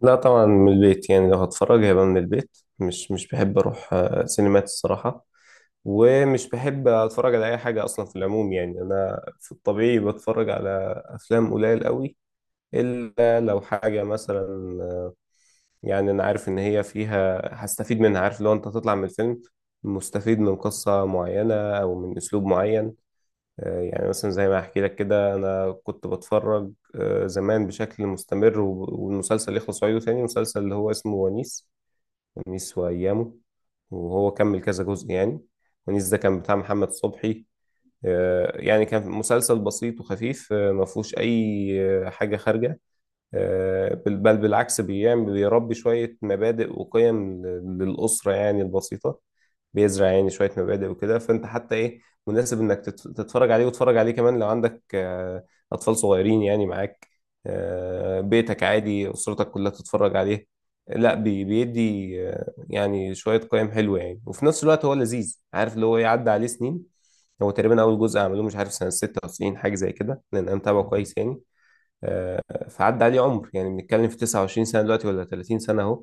لا طبعا من البيت. يعني لو هتفرج هيبقى من البيت، مش بحب اروح سينمات الصراحة. ومش بحب اتفرج على اي حاجة اصلا في العموم، يعني انا في الطبيعي بتفرج على افلام قليل قوي، الا لو حاجة مثلا. آه، يعني انا عارف ان هي فيها هستفيد منها، عارف لو انت هتطلع من الفيلم مستفيد من قصة معينة او من اسلوب معين. يعني مثلا زي ما احكي لك كده، انا كنت بتفرج زمان بشكل مستمر، والمسلسل يخلص وأعيده تاني، مسلسل اللي هو اسمه ونيس، خميس وأيامه. وهو كمل كذا جزء يعني. ونيس ده كان بتاع محمد صبحي. يعني كان مسلسل بسيط وخفيف، ما فيهوش أي حاجة خارجة. آه، بل بل بالعكس، بيربي شوية مبادئ وقيم للأسرة يعني البسيطة. بيزرع يعني شوية مبادئ وكده، فأنت حتى إيه، مناسب إنك تتفرج عليه، وتتفرج عليه كمان لو عندك أطفال صغيرين يعني معاك، بيتك عادي أسرتك كلها تتفرج عليه. لا بيدي يعني شوية قيم حلوة يعني، وفي نفس الوقت هو لذيذ. عارف اللي هو إيه، عدى عليه سنين. هو تقريبا أول جزء عملوه مش عارف سنة 96 حاجة زي كده، لأن أنا متابعه كويس يعني. فعدى عليه عمر، يعني بنتكلم في 29 سنة دلوقتي ولا 30 سنة أهو.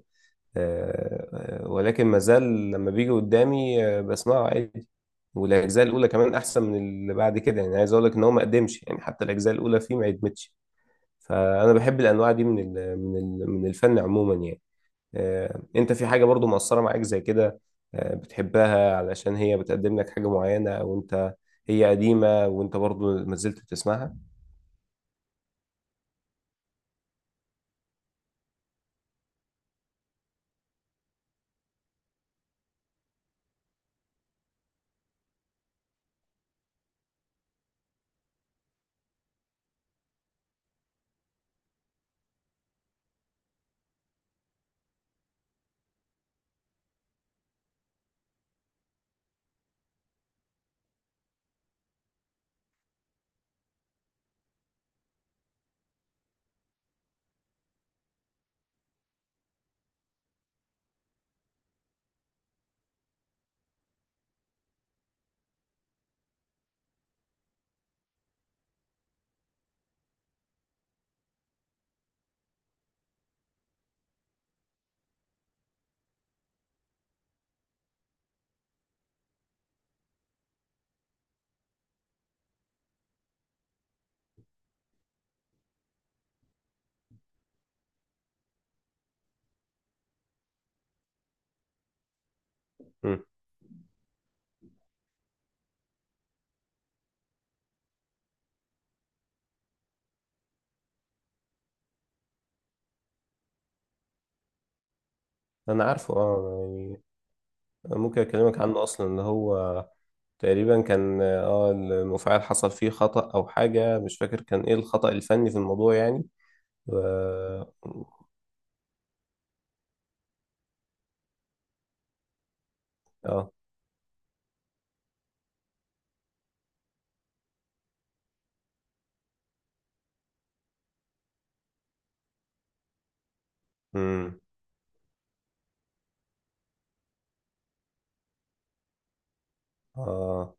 ولكن مازال لما بيجي قدامي بسمعه عادي. والاجزاء الاولى كمان احسن من اللي بعد كده، يعني عايز اقول لك ان هو ما قدمش، يعني حتى الاجزاء الاولى فيه ما قدمتش. فانا بحب الانواع دي من من الفن عموما يعني. انت في حاجه برضو مؤثره معاك زي كده، بتحبها علشان هي بتقدم لك حاجه معينه، او انت هي قديمه وانت برضو ما زلت بتسمعها؟ مم. انا عارفه، اه. يعني ممكن اكلمك عنه اصلا، اللي هو تقريبا كان اه المفاعل حصل فيه خطأ او حاجة، مش فاكر كان ايه الخطأ الفني في الموضوع يعني. و... اه. امم. اه.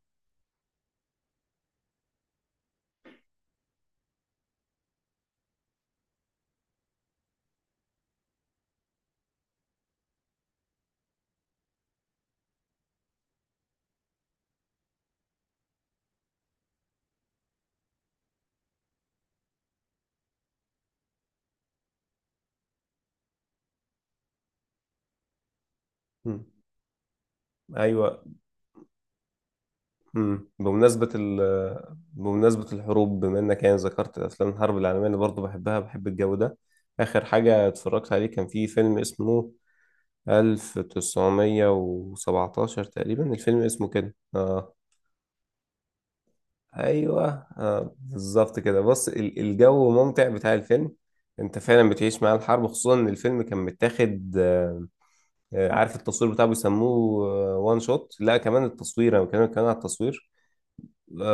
مم. ايوه. امم. بمناسبة ال... بمناسبة الحروب، بما انك يعني ذكرت افلام الحرب العالمية، انا برضه بحبها، بحب الجو ده. اخر حاجة اتفرجت عليه كان في فيلم اسمه 1917 تقريبا، الفيلم اسمه كده اه. ايوه. آه بالظبط كده. بص الجو ممتع بتاع الفيلم. انت فعلا بتعيش مع الحرب، خصوصا ان الفيلم كان متاخد عارف التصوير بتاعه بيسموه وان شوت. لا كمان التصوير، انا بتكلم كمان على التصوير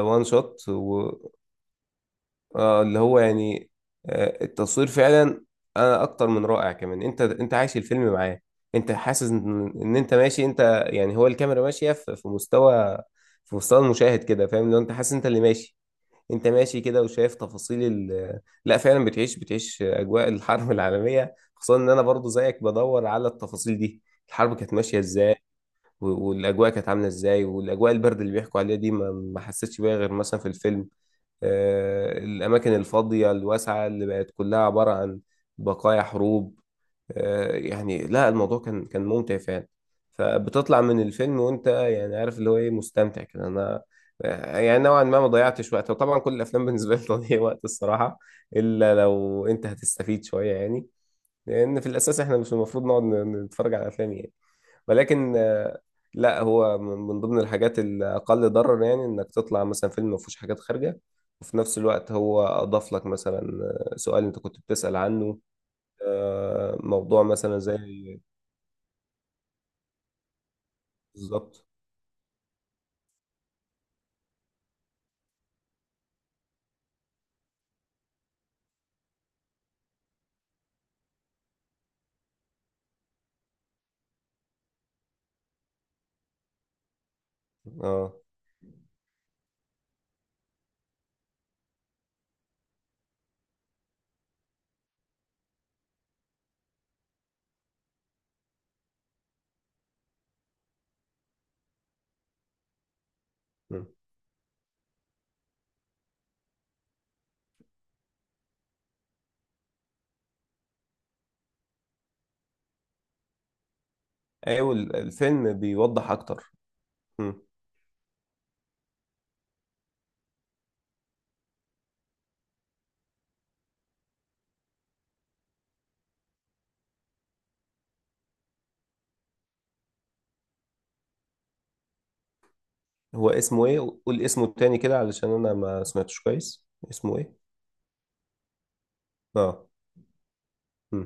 وان شوت و... اللي هو يعني التصوير فعلا انا اكتر من رائع، كمان انت عايش الفيلم معاه. انت حاسس ان انت ماشي، انت يعني هو الكاميرا ماشيه في مستوى، في مستوى المشاهد كده، فاهم؟ لو انت حاسس انت اللي ماشي، انت ماشي كده وشايف تفاصيل ال... لا فعلا بتعيش اجواء الحرب العالميه، خصوصا ان انا برضو زيك بدور على التفاصيل دي. الحرب كانت ماشيه ازاي، والاجواء كانت عامله ازاي، والاجواء البرد اللي بيحكوا عليها دي ما حسيتش بيها غير مثلا في الفيلم. الأماكن الفاضية الواسعة اللي بقت كلها عبارة عن بقايا حروب. يعني لا الموضوع كان كان ممتع فعلا. فبتطلع من الفيلم وأنت يعني عارف اللي هو إيه، مستمتع كده أنا، يعني نوعا ما ضيعتش وقت. وطبعا كل الأفلام بالنسبة لي تضييع وقت الصراحة، إلا لو أنت هتستفيد شوية يعني. لأن في الأساس إحنا مش المفروض نقعد نتفرج على أفلام يعني. ولكن لا هو من من ضمن الحاجات الأقل ضرر، يعني إنك تطلع مثلا فيلم ما فيهوش حاجات خارجة، وفي نفس الوقت هو أضاف لك مثلا سؤال أنت كنت بتسأل عنه، موضوع مثلا زي بالظبط. اه. م. أيوة الفيلم بيوضح أكتر. م. هو اسمه إيه؟ قول اسمه التاني كده علشان أنا ما سمعتش كويس، اسمه إيه؟ اه. م.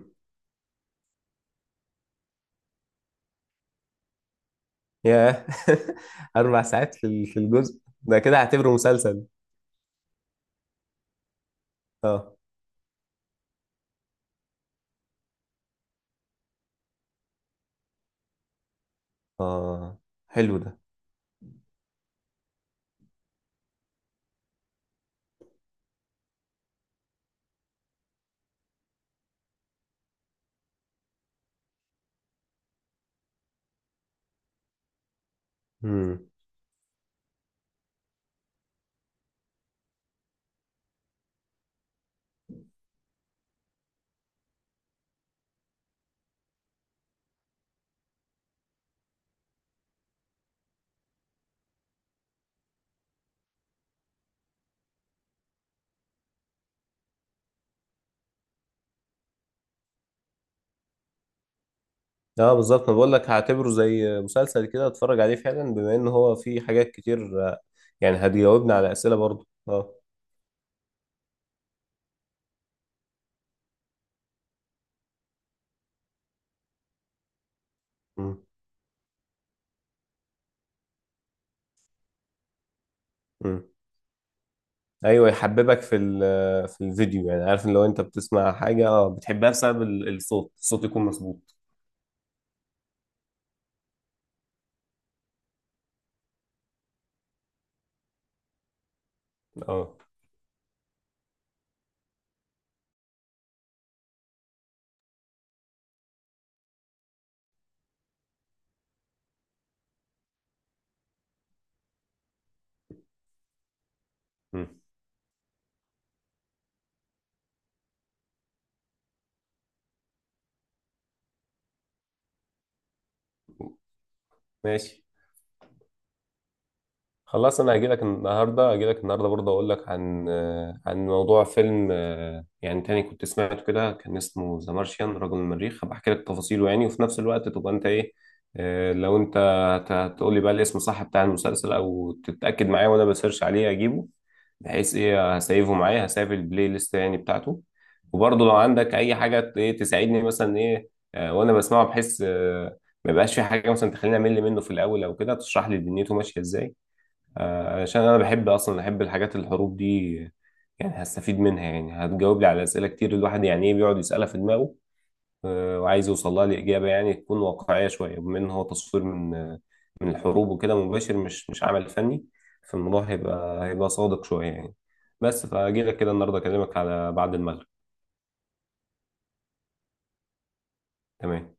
ياه. أربع ساعات في في الجزء ده، كده هعتبره مسلسل. اه. اه. حلو ده. امم. اه بالظبط، انا بقول لك هعتبره زي مسلسل كده، اتفرج عليه فعلا بما ان هو فيه حاجات كتير. يعني هتجاوبنا على اسئله برضه اه. امم. امم. ايوه، يحببك في الفيديو، يعني عارف إن لو انت بتسمع حاجه اه بتحبها بسبب الصوت، الصوت يكون مظبوط. اه. امم. ماشي. خلاص انا هجيلك النهارده، هجيلك النهارده برضه اقول لك عن عن موضوع فيلم يعني تاني كنت سمعته كده، كان اسمه ذا مارشيان، رجل المريخ. هبقى احكي لك تفاصيله يعني، وفي نفس الوقت تبقى انت ايه، لو انت هتقول لي بقى الاسم صح بتاع المسلسل، او تتاكد معايا وانا بسيرش عليه اجيبه. بحيث ايه هسيفه معايا، هسيف البلاي ليست يعني بتاعته. وبرضه لو عندك اي حاجه ايه تساعدني مثلا ايه، وانا بسمعه، بحيث ما يبقاش في حاجه مثلا تخليني امل منه في الاول، او كده تشرح لي دنيته ماشيه ازاي. عشان انا بحب اصلا، احب الحاجات الحروب دي يعني، هستفيد منها، يعني هتجاوب لي على اسئله كتير الواحد يعني ايه بيقعد يسالها في دماغه، وعايز يوصل لها لاجابه يعني تكون واقعيه شويه، بما ان هو تصوير من من الحروب وكده مباشر، مش مش عمل فني. فالموضوع هيبقى هيبقى صادق شويه يعني. بس فاجي لك كده النهارده اكلمك على بعد المغرب. تمام.